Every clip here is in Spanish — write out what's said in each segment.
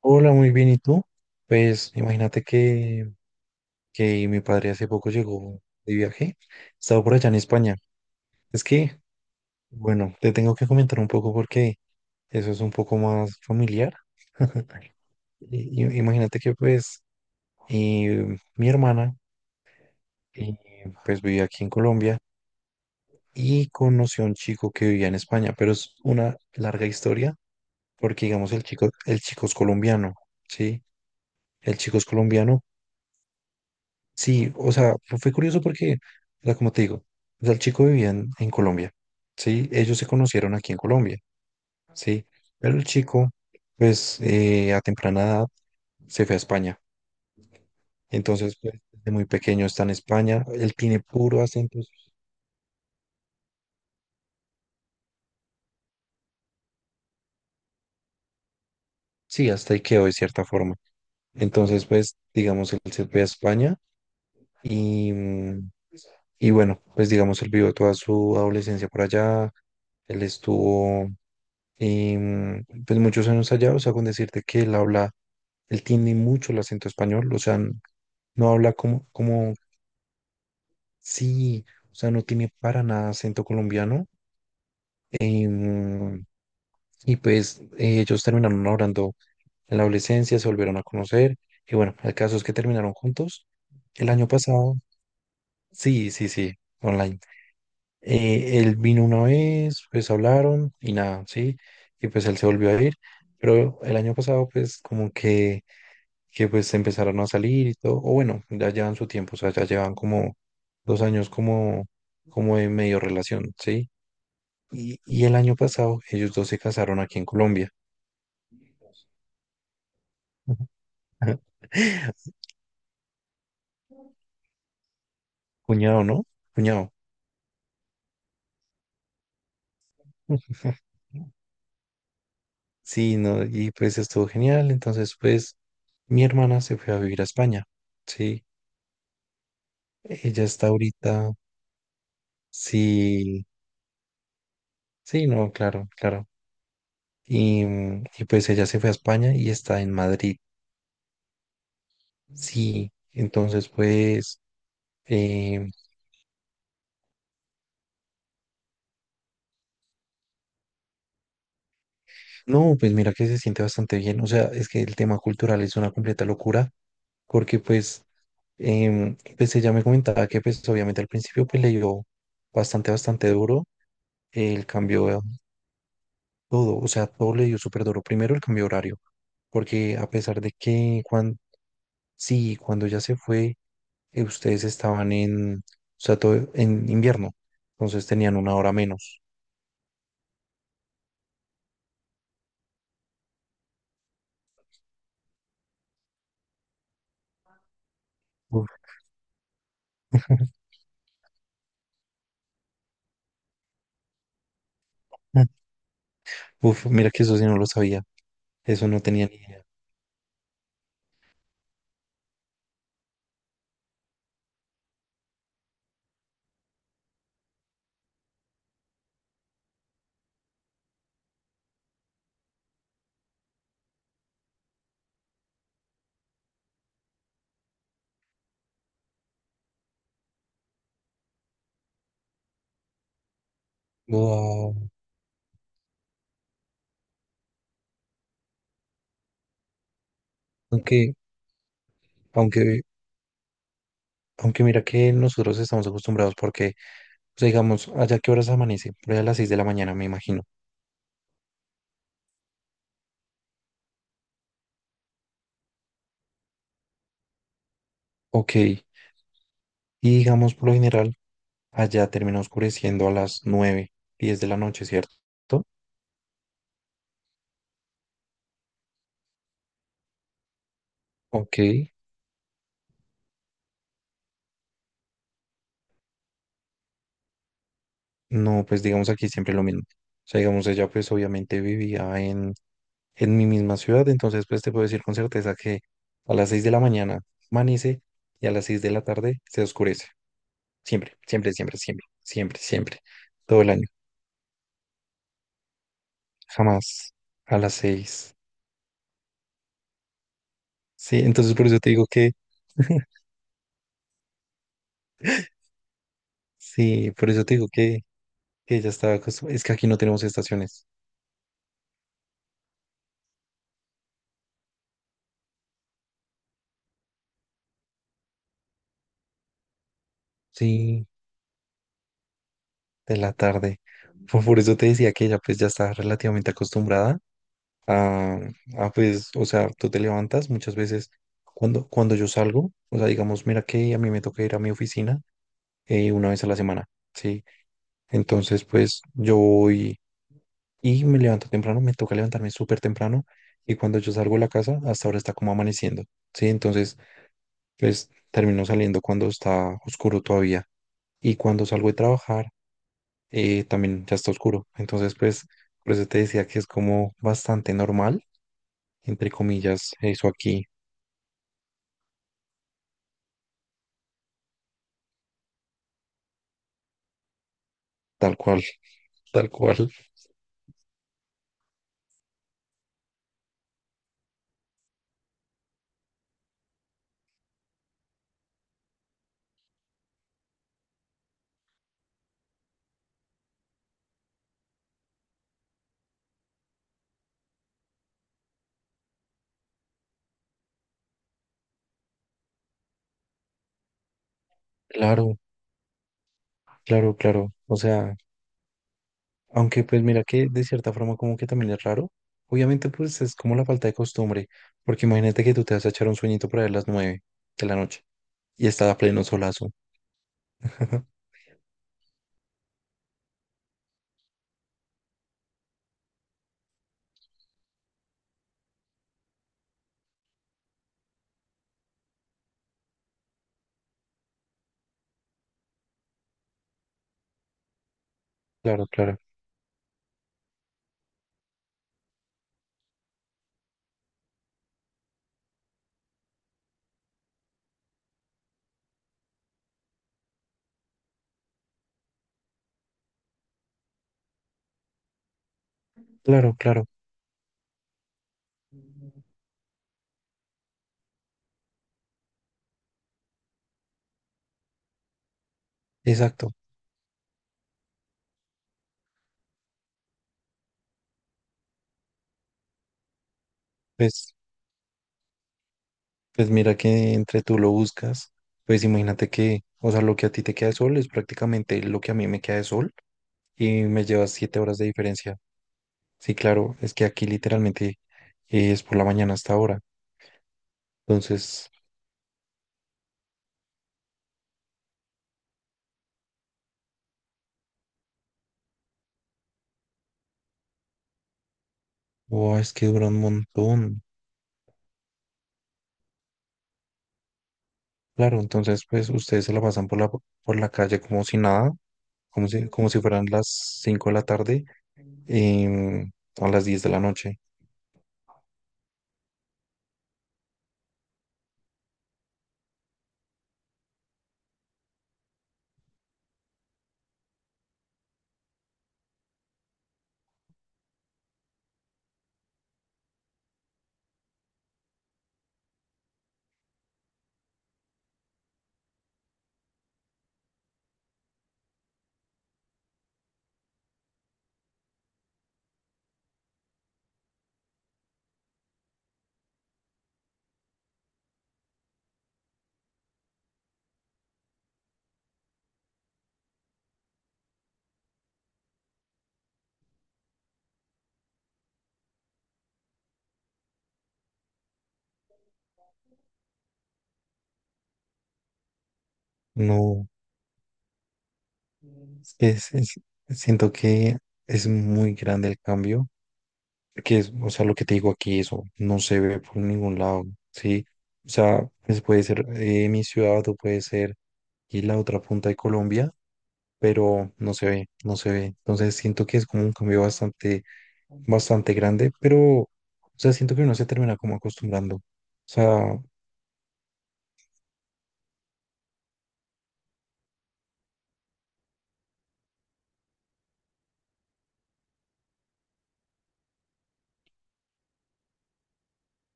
Hola, muy bien. ¿Y tú? Pues imagínate que mi padre hace poco llegó de viaje. Estaba por allá en España. Es que, bueno, te tengo que comentar un poco porque eso es un poco más familiar. Imagínate que pues, mi hermana eh, pues vivía aquí en Colombia y conoció a un chico que vivía en España, pero es una larga historia porque digamos el chico es colombiano, ¿sí? El chico es colombiano. Sí, o sea, fue curioso porque, o sea, como te digo, o sea, el chico vivía en Colombia, ¿sí? Ellos se conocieron aquí en Colombia, ¿sí? Pero el chico, pues, a temprana edad se fue a España. Entonces, pues, desde muy pequeño está en España. Él tiene puro acento. Sí, hasta ahí quedó de cierta forma. Entonces, pues, digamos, él se fue a España y, mm, y bueno, pues, digamos, él vivió toda su adolescencia por allá. Él estuvo Y pues muchos años allá, o sea, con decirte que él habla, él tiene mucho el acento español, o sea, no habla como, sí, o sea, no tiene para nada acento colombiano. Y, mm, y pues, ellos terminaron hablando en la adolescencia, se volvieron a conocer. Y bueno, el caso es que terminaron juntos. El año pasado, sí, sí, sí, online. Él vino una vez, pues hablaron y nada, sí, y pues él se volvió a ir. Pero el año pasado, pues como que pues empezaron a salir y todo, o bueno, ya llevan su tiempo, o sea, ya llevan como 2 años como, como de medio relación, ¿sí? Y el año pasado ellos dos se casaron aquí en Colombia. Cuñado, ¿no? Cuñado. Sí, no, y pues estuvo genial. Entonces, pues, mi hermana se fue a vivir a España. Sí, ella está ahorita. Sí, sí, no, claro, claro. Y, mm, y pues ella se fue a España y está en Madrid. Sí, entonces pues, eh, no, pues mira que se siente bastante bien, o sea, es que el tema cultural es una completa locura, porque pues, ella me comentaba que pues obviamente al principio pues le dio bastante, bastante duro el cambio, todo, o sea, todo le dio súper duro, primero el cambio de horario, porque a pesar de que cuando, sí, cuando ya se fue, ustedes estaban en, o sea, todo en invierno, entonces tenían una hora menos. Uf, uf, mira que eso sí no lo sabía. Eso no tenía ni idea. Wow. Aunque, aunque, aunque mira que nosotros estamos acostumbrados porque, o sea, digamos, allá qué horas amanece, por ahí a las 6 de la mañana, me imagino. Ok. Y digamos, por lo general, allá termina oscureciendo a las 9, 10 de la noche, ¿cierto? Ok. No, pues digamos aquí siempre lo mismo. O sea, digamos, ella pues obviamente vivía en mi misma ciudad, entonces pues te puedo decir con certeza que a las 6 de la mañana amanece y a las 6 de la tarde se oscurece. Siempre, siempre, siempre, siempre, siempre, siempre. Todo el año. Jamás a las seis. Sí, entonces por eso te digo que, sí, por eso te digo que ya estaba acostumbrada. Es que aquí no tenemos estaciones. Sí, de la tarde. Por eso te decía que ella pues ya está relativamente acostumbrada a, a, pues, o sea, tú te levantas muchas veces cuando yo salgo, o sea, digamos, mira que a mí me toca ir a mi oficina una vez a la semana, ¿sí? Entonces, pues yo voy. Y me levanto temprano, me toca levantarme súper temprano. Y cuando yo salgo de la casa, hasta ahora está como amaneciendo. Sí, entonces, pues termino saliendo cuando está oscuro todavía. Y cuando salgo de trabajar, también ya está oscuro. Entonces, pues, por eso te decía que es como bastante normal, entre comillas, eso aquí, tal cual, tal cual. Claro, claro, claro. O sea, aunque pues mira que de cierta forma como que también es raro. Obviamente pues es como la falta de costumbre, porque imagínate que tú te vas a echar un sueñito por ahí a las nueve de la noche y está a pleno solazo. Claro, claro, claro, claro, exacto. Pues, pues mira que entre tú lo buscas, pues imagínate que, o sea, lo que a ti te queda de sol es prácticamente lo que a mí me queda de sol y me llevas 7 horas de diferencia. Sí, claro, es que aquí literalmente es por la mañana hasta ahora. Entonces, wow, es que dura un montón. Claro, entonces pues ustedes se la pasan por la calle como si nada, como si fueran las 5 de la tarde em, o las 10 de la noche. No, es, es- siento que es muy grande el cambio, que es, o sea, lo que te digo aquí, eso no se ve por ningún lado, ¿sí? O sea, pues puede ser mi ciudad o puede ser y la otra punta de Colombia, pero no se ve, no se ve. Entonces siento que es como un cambio bastante, bastante grande, pero, o sea, siento que uno se termina como acostumbrando. O sea,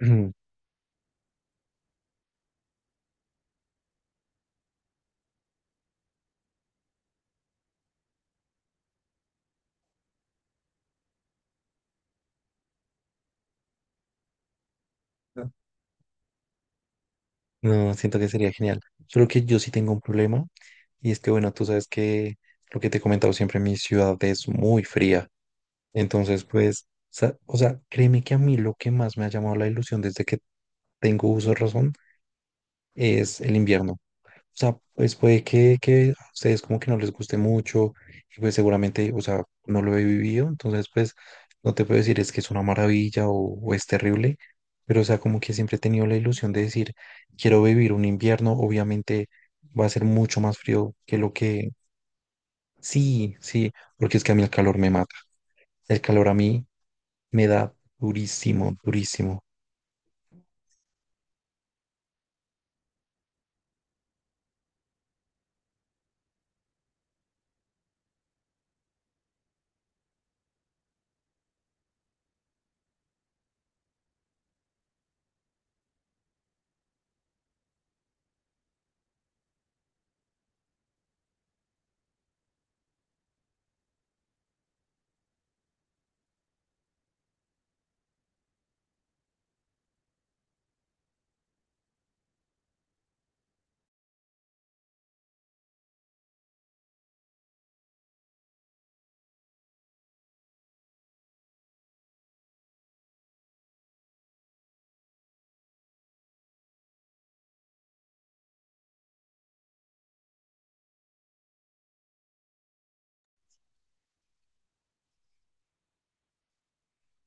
no, siento que sería genial. Solo que yo sí tengo un problema y es que, bueno, tú sabes que lo que te he comentado siempre, mi ciudad es muy fría. Entonces, pues, o sea, créeme que a mí lo que más me ha llamado la ilusión desde que tengo uso de razón es el invierno. Sea, pues puede que a ustedes como que no les guste mucho y pues seguramente, o sea, no lo he vivido, entonces pues no te puedo decir es que es una maravilla o, es terrible, pero o sea, como que siempre he tenido la ilusión de decir, quiero vivir un invierno, obviamente va a ser mucho más frío que lo que... Sí, sí, porque es que a mí el calor me mata, el calor a mí me da durísimo, durísimo.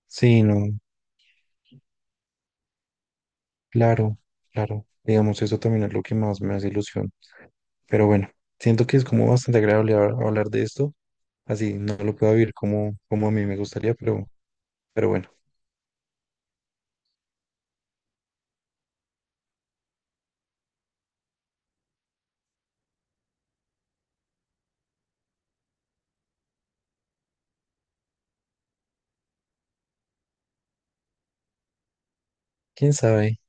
Sí, no, claro, claro, digamos, eso también es lo que más me hace ilusión. Pero bueno, siento que es como bastante agradable hablar de esto. Así no lo puedo vivir como, como a mí me gustaría, pero, bueno, quién sabe.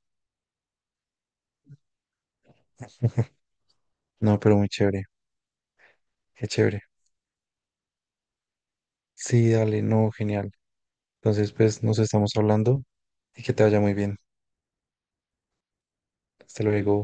No, pero muy chévere, qué chévere. Sí, dale, no, genial. Entonces, pues nos estamos hablando y que te vaya muy bien. Hasta luego.